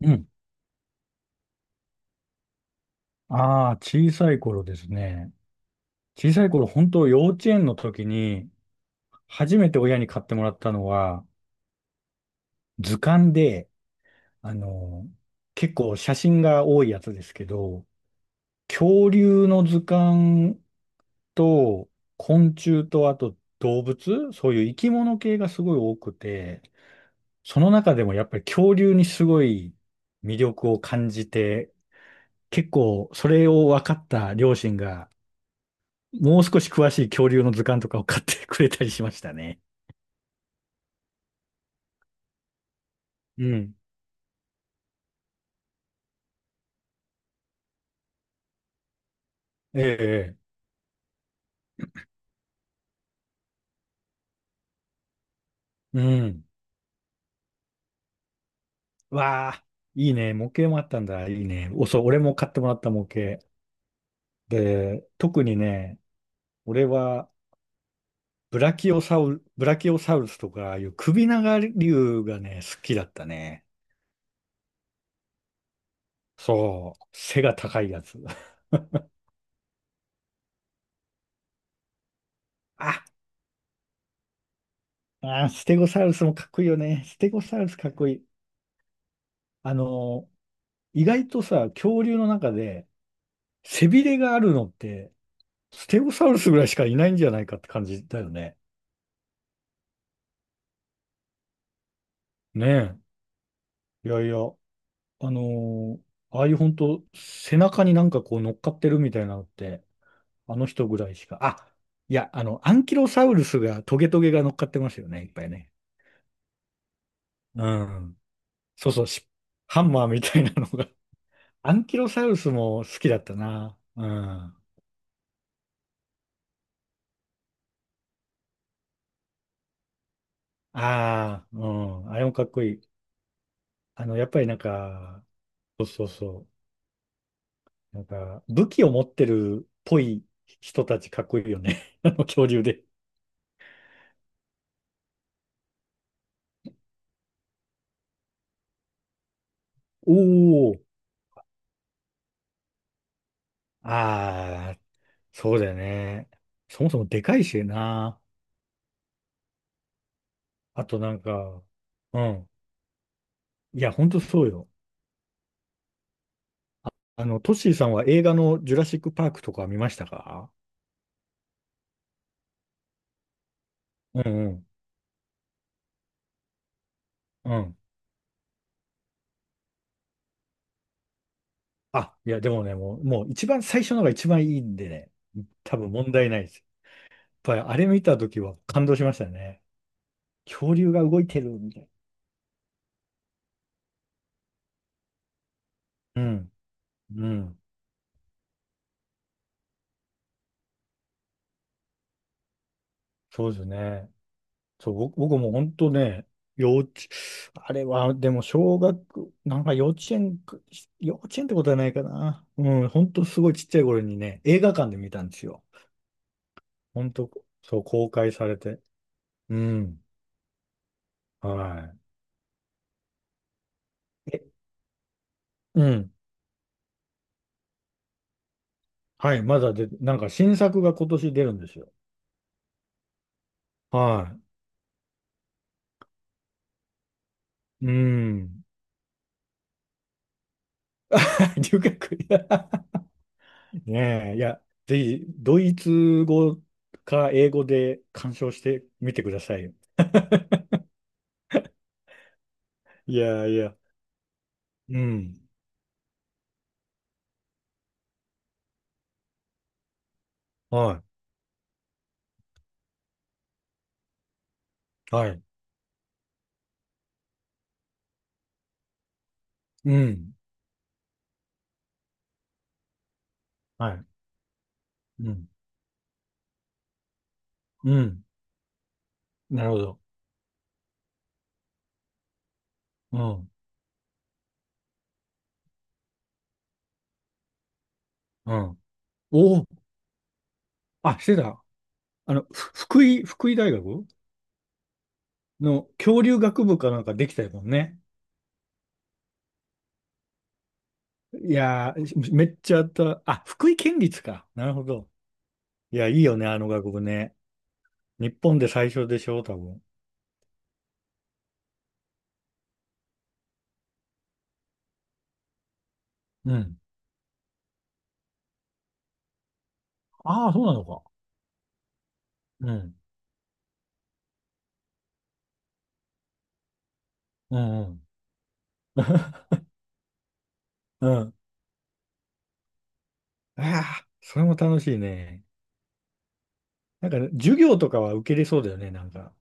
うん。ああ、小さい頃ですね。小さい頃、本当幼稚園の時に、初めて親に買ってもらったのは、図鑑で、あの、結構写真が多いやつですけど、恐竜の図鑑と、昆虫と、あと動物、そういう生き物系がすごい多くて、その中でもやっぱり恐竜にすごい魅力を感じて、結構それを分かった両親が、もう少し詳しい恐竜の図鑑とかを買ってくれたりしましたね。うん。ええ、ええ、うん。わあ、いいね。模型もあったんだ。いいね。お、そう、俺も買ってもらった模型。で、特にね、俺は、ブラキオサウルスとかいう首長竜がね、好きだったね。そう。背が高いやつ。あ、あー、ステゴサウルスもかっこいいよね。ステゴサウルスかっこいい。あの意外とさ、恐竜の中で背びれがあるのってステゴサウルスぐらいしかいないんじゃないかって感じだよね。ねえ。いやいや、あのーああいう本当背中になんかこう乗っかってるみたいなのって、あの人ぐらいしか。あ、いや、あの、アンキロサウルスがトゲトゲが乗っかってますよね、いっぱいね。うん。そうそう、ハンマーみたいなのが。アンキロサウルスも好きだったな。うん。ああ、うん。あれもかっこいい。あの、やっぱりなんか、そうそうそう。なんか、武器を持ってるっぽい人たちかっこいいよね。あの恐竜で。おお、ああ、そうだよね。そもそもでかいしな。あとなんか、うん。いや、ほんとそうよ。あの、トッシーさんは映画のジュラシックパークとか見ましたか？うんうん。うん。あ、いや、でもね、もう一番最初のが一番いいんでね、多分問題ないです。やっぱりあれ見たときは感動しましたね。恐竜が動いてるみたいな。うん。うん。そうですね。そう、僕も本当ね、幼稚、あれは、でも小学、なんか幼稚園か、幼稚園ってことはないかな。うん、本当すごいちっちゃい頃にね、映画館で見たんですよ。本当、そう、公開されて。うん、はい。え、うん、はい、まだで、なんか新作が今年出るんですよ。はい。うん。留学、いや、ねえ、いや、ぜひ、ドイツ語か英語で鑑賞してみてくださいよ。いやいや、うん。はい、はい、うん、はい、うん、うん、なるほど。うん、うん。おお、あ、してた。あの、ふ福井、福井大学の恐竜学部かなんかできたよね。いやー、めっちゃあった。あ、福井県立か。なるほど。いや、いいよね、あの学部ね。日本で最初でしょ、多分。うん。ああ、そうなのか。うん、うん、うん。うん。ああ、それも楽しいね。なんか、授業とかは受けれそうだよね、なんか。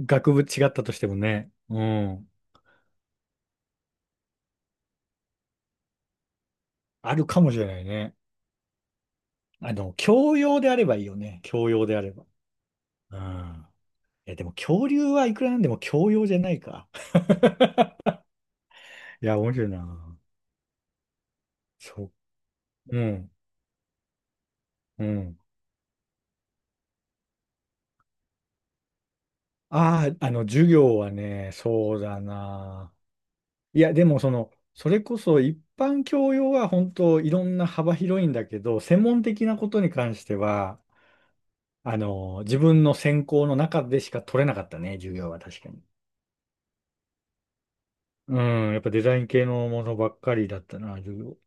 学部違ったとしてもね。うん。あるかもしれないね。あの、教養であればいいよね。教養であれば。うん。いや、でも恐竜はいくらなんでも教養じゃないか。いや、面白いな。そう。うん。うん。ああ、あの、授業はね、そうだな。いや、でもその、それこそ一般教養は本当いろんな幅広いんだけど、専門的なことに関しては、あの、自分の専攻の中でしか取れなかったね、授業は確かに。うん、やっぱデザイン系のものばっかりだったな、授業。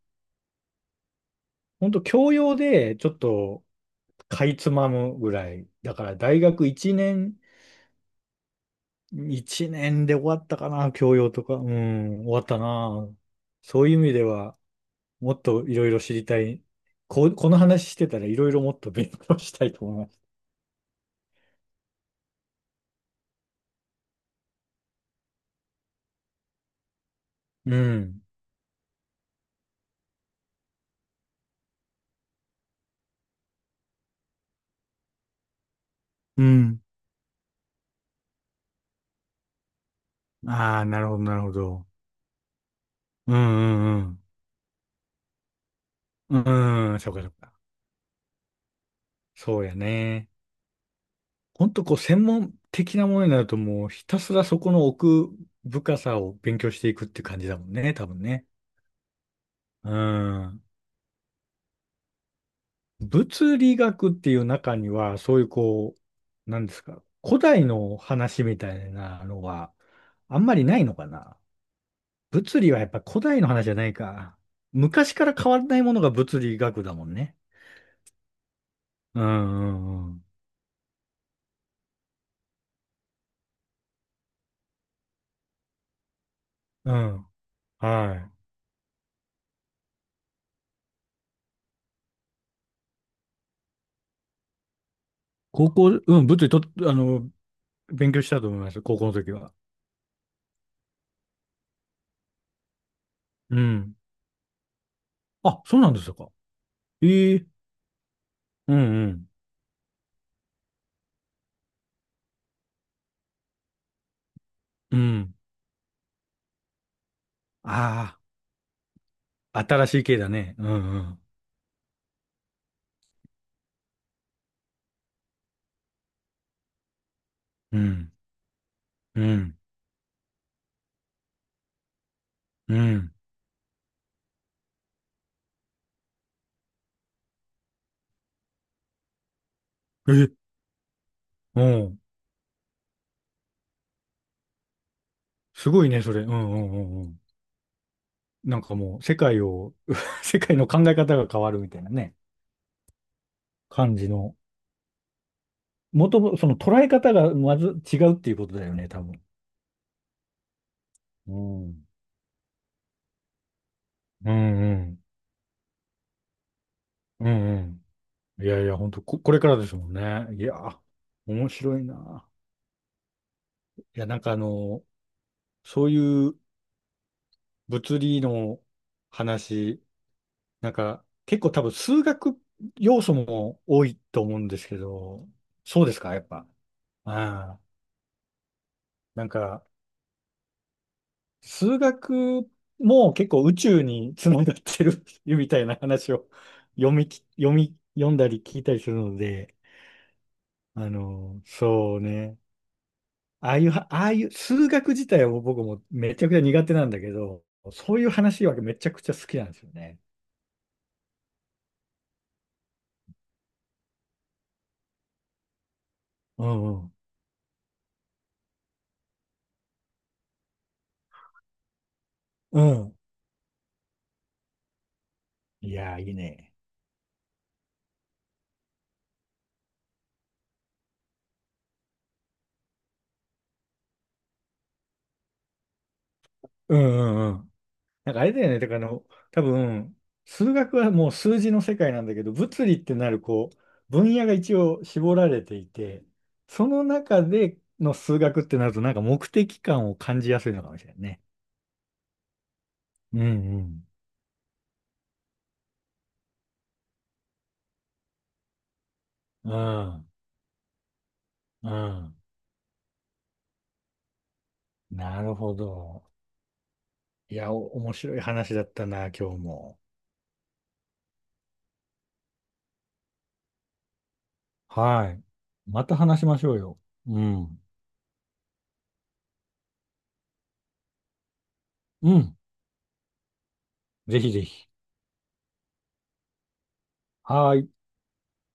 ほんと教養でちょっとかいつまむぐらい。だから大学1年、1年で終わったかな、教養とか。うん、終わったな。そういう意味では、もっといろいろ知りたい。この話してたらいろいろもっと勉強したいと思います。うん。うん。ああ、なるほど、なるほど。うん、うん、うん。うん、そうか、そうか。そうやね。ほんとこう専門的なものになるともうひたすらそこの奥深さを勉強していくって感じだもんね、多分ね。うん。物理学っていう中には、そういうこう、なんですか、古代の話みたいなのはあんまりないのかな。物理はやっぱ古代の話じゃないか。昔から変わらないものが物理学だもんね。うんうんうん。うん。はい。高校、うん、物理と、あの、勉強したと思います、高校の時は。うん。あ、そうなんですか。ええ、うんうん。うん。ああ、新しい系だね。うんうん。うん。うん。うん。え、うん。すごいね、それ。うんうんうんうん。なんかもう、世界を、世界の考え方が変わるみたいなね、感じの。もとも、その捉え方がまず違うっていうことだよね、多分。うん。うんうん。うんうん。いやいや、本当これからですもんね。いや、面白いな。いや、なんかあの、そういう物理の話、なんか、結構多分数学要素も多いと思うんですけど、そうですか、やっぱ。ああ、なんか、数学も結構宇宙につながってる みたいな話を 読みき、読み、読んだり聞いたりするので、あの、そうね。ああいうは、ああいう数学自体はもう僕もめちゃくちゃ苦手なんだけど、そういう話はめちゃくちゃ好きなんですよね。うんうん。うん。いやー、いいね。うんうんうん。なんかあれだよね。だからあの、多分、数学はもう数字の世界なんだけど、物理ってなるこう、分野が一応絞られていて、その中での数学ってなると、なんか目的感を感じやすいのかもしれないね。うんうん。うんうん。なるほど。いや、お面白い話だったな、今日も。はい。また話しましょうよ。うん。うん。ぜひぜひ。はーい。